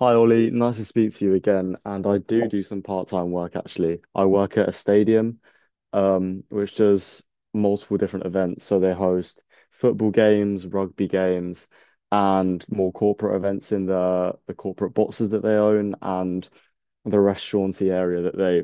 Hi Ollie, nice to speak to you again. And I do do some part-time work actually. I work at a stadium, which does multiple different events. So they host football games, rugby games, and more corporate events in the corporate boxes that they own, and the restauranty area that they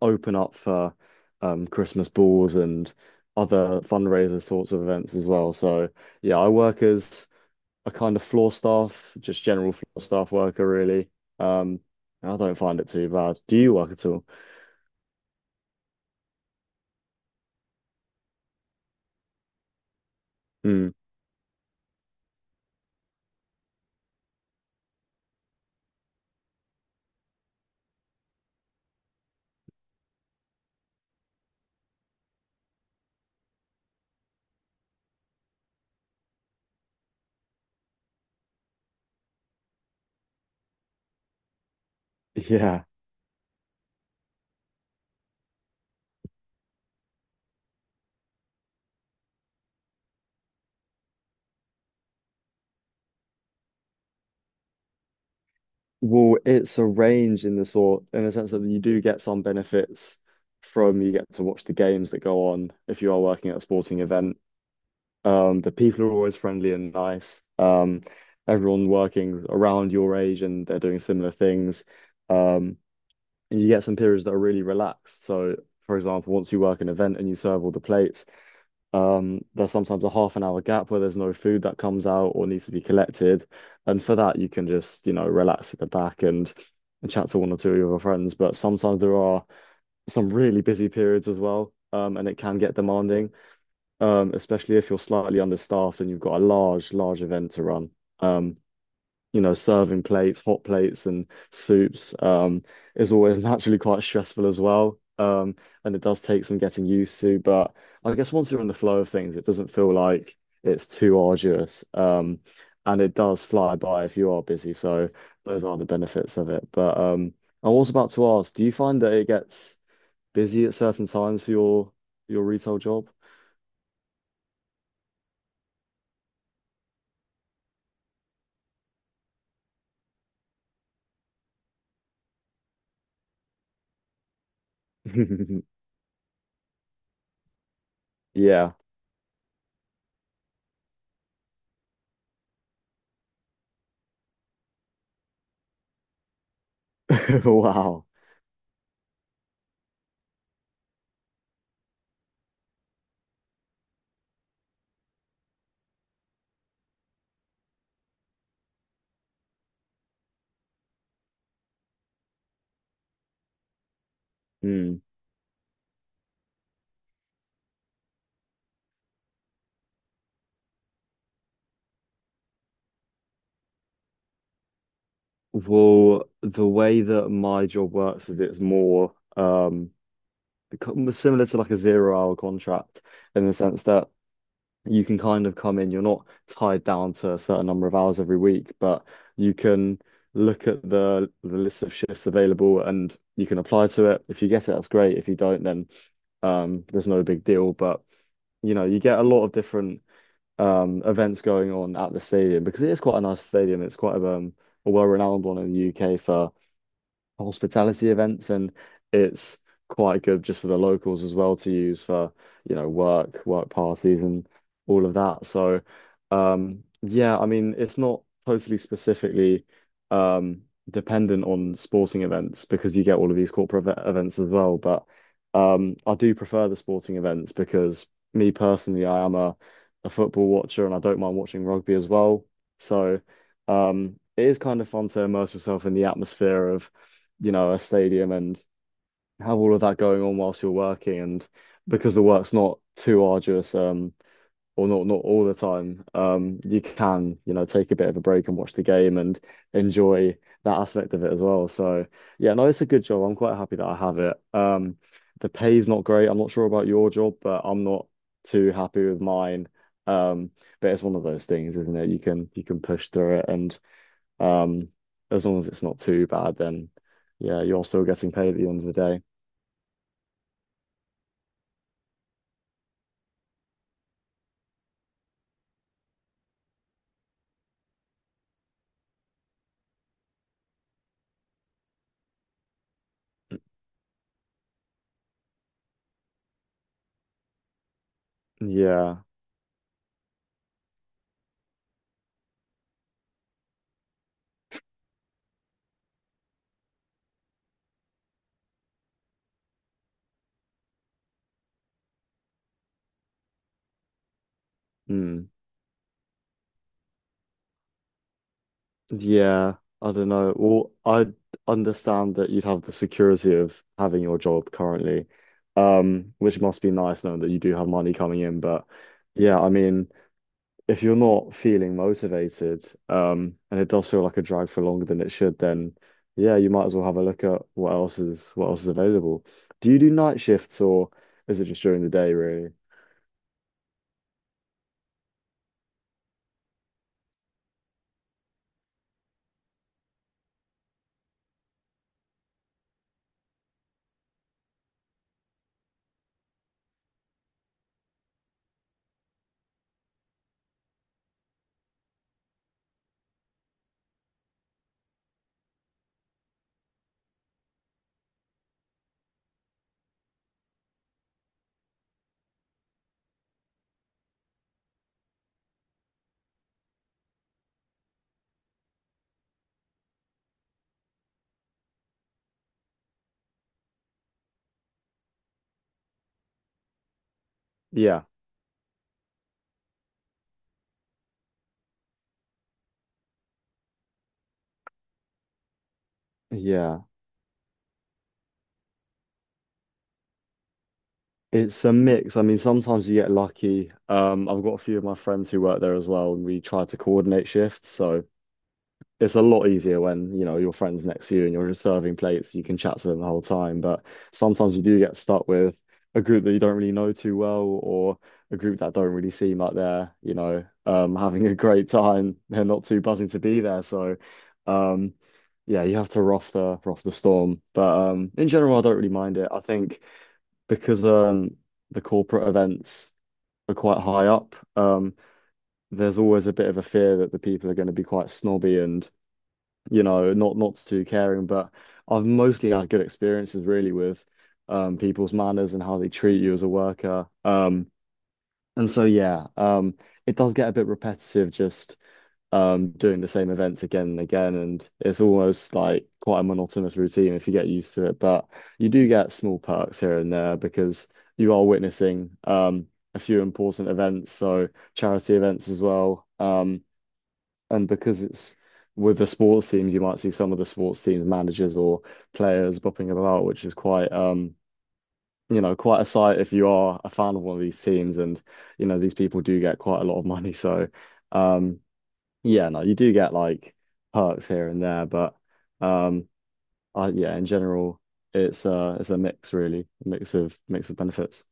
open up for Christmas balls and other fundraiser sorts of events as well. So yeah, I work as a kind of floor staff, just general floor staff worker, really. Um, I don't find it too bad. Do you work at all? Mm. Yeah. Well, it's a range in the sort, in the sense that you do get some benefits from you get to watch the games that go on if you are working at a sporting event. The people are always friendly and nice. Everyone working around your age and they're doing similar things. Um, and you get some periods that are really relaxed. So, for example, once you work an event and you serve all the plates, there's sometimes a half an hour gap where there's no food that comes out or needs to be collected. And for that, you can just, you know, relax at the back and, chat to one or two of your friends. But sometimes there are some really busy periods as well. And it can get demanding, especially if you're slightly understaffed and you've got a large, large event to run. Um, you know, serving plates, hot plates, and soups is always naturally quite stressful as well. And it does take some getting used to, but I guess once you're in the flow of things, it doesn't feel like it's too arduous. And it does fly by if you are busy. So those are the benefits of it. But I was about to ask, do you find that it gets busy at certain times for your retail job? Yeah. Wow. Hmm. Well, the way that my job works is it's more become similar to like a zero hour contract in the sense that you can kind of come in, you're not tied down to a certain number of hours every week, but you can look at the list of shifts available and you can apply to it. If you get it, that's great. If you don't, then there's no big deal. But you know, you get a lot of different events going on at the stadium because it is quite a nice stadium. It's quite a well-renowned one in the UK for hospitality events, and it's quite good just for the locals as well to use for you know work parties and all of that. So yeah, I mean, it's not totally specifically um dependent on sporting events because you get all of these corporate events as well. But I do prefer the sporting events because me personally I am a football watcher, and I don't mind watching rugby as well. So it is kind of fun to immerse yourself in the atmosphere of you know, a stadium, and have all of that going on whilst you're working. And because the work's not too arduous, or not all the time, you can, you know, take a bit of a break and watch the game and enjoy that aspect of it as well. So yeah, no, it's a good job. I'm quite happy that I have it. The pay's not great. I'm not sure about your job, but I'm not too happy with mine. Um, but it's one of those things, isn't it? You can push through it, and um, as long as it's not too bad, then yeah, you're still getting paid at the end of the day. Yeah. Hmm. Yeah. I don't know. Well, I understand that you'd have the security of having your job currently, which must be nice knowing that you do have money coming in. But yeah, I mean, if you're not feeling motivated, and it does feel like a drag for longer than it should, then yeah, you might as well have a look at what else is available. Do you do night shifts or is it just during the day, really? Yeah, yeah. It's a mix. I mean, sometimes you get lucky. I've got a few of my friends who work there as well, and we try to coordinate shifts. So it's a lot easier when, you know, your friend's next to you and you're just serving plates. You can chat to them the whole time. But sometimes you do get stuck with a group that you don't really know too well, or a group that don't really seem like they're, you know, having a great time. They're not too buzzing to be there. So, um, yeah, you have to rough the storm. But in general, I don't really mind it, I think. Because the corporate events are quite high up, there's always a bit of a fear that the people are going to be quite snobby and, you know, not too caring. But I've mostly had good experiences really with people's manners and how they treat you as a worker. And so yeah, it does get a bit repetitive just doing the same events again and again. And it's almost like quite a monotonous routine if you get used to it. But you do get small perks here and there because you are witnessing a few important events, so charity events as well. And because it's with the sports teams, you might see some of the sports teams managers or players bopping about, which is quite you know, quite a sight if you are a fan of one of these teams, and you know these people do get quite a lot of money. So um yeah, no, you do get like perks here and there, but um, yeah, in general, it's a mix really, a mix of benefits.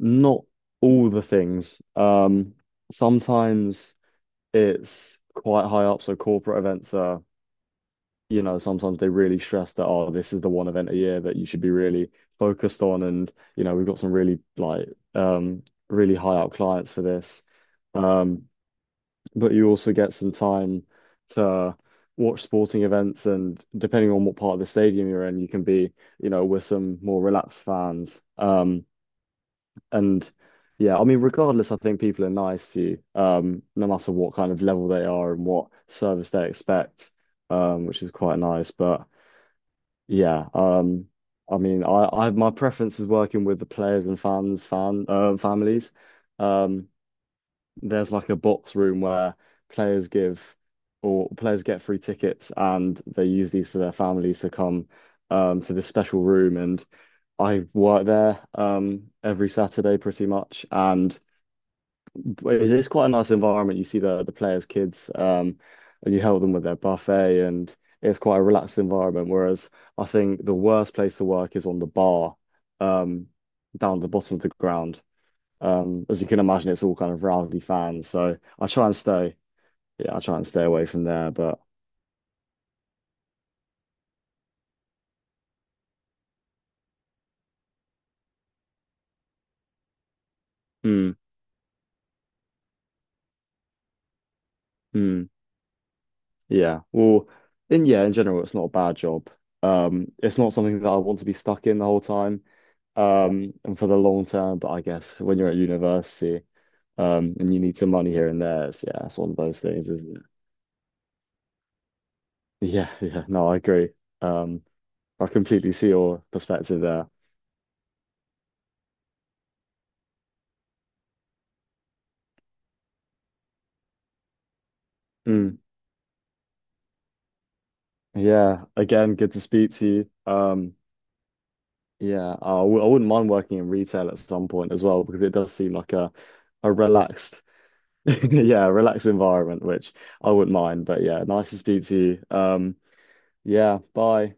Not all the things. Sometimes it's quite high up, so corporate events are, you know, sometimes they really stress that, oh, this is the one event a year that you should be really focused on, and you know, we've got some really like um really high up clients for this. Um, but you also get some time to watch sporting events, and depending on what part of the stadium you're in you can be you know with some more relaxed fans and yeah I mean regardless I think people are nice to you no matter what kind of level they are and what service they expect, which is quite nice. But yeah, I mean I my preference is working with the players and fans fan families. um there's like a box room where players give or players get free tickets, and they use these for their families to come to this special room. And I work there every Saturday pretty much, and it is quite a nice environment. You see the players' kids, and you help them with their buffet, and it's quite a relaxed environment. Whereas I think the worst place to work is on the bar, um down at the bottom of the ground. As you can imagine, it's all kind of rowdy fans. So I try and stay, yeah, I try and stay away from there. But mm, mm, yeah, well, in yeah, in general, it's not a bad job. It's not something that I want to be stuck in the whole time, and for the long term. But I guess when you're at university, and you need some money here and there, it's, yeah, it's one of those things, isn't it? Yeah, yeah, no, I agree. Um, I completely see your perspective there. Mm, yeah, again, good to speak to you. Yeah, I wouldn't mind working in retail at some point as well, because it does seem like a relaxed, yeah, relaxed environment, which I wouldn't mind. But yeah, nice to speak to you. Yeah, bye.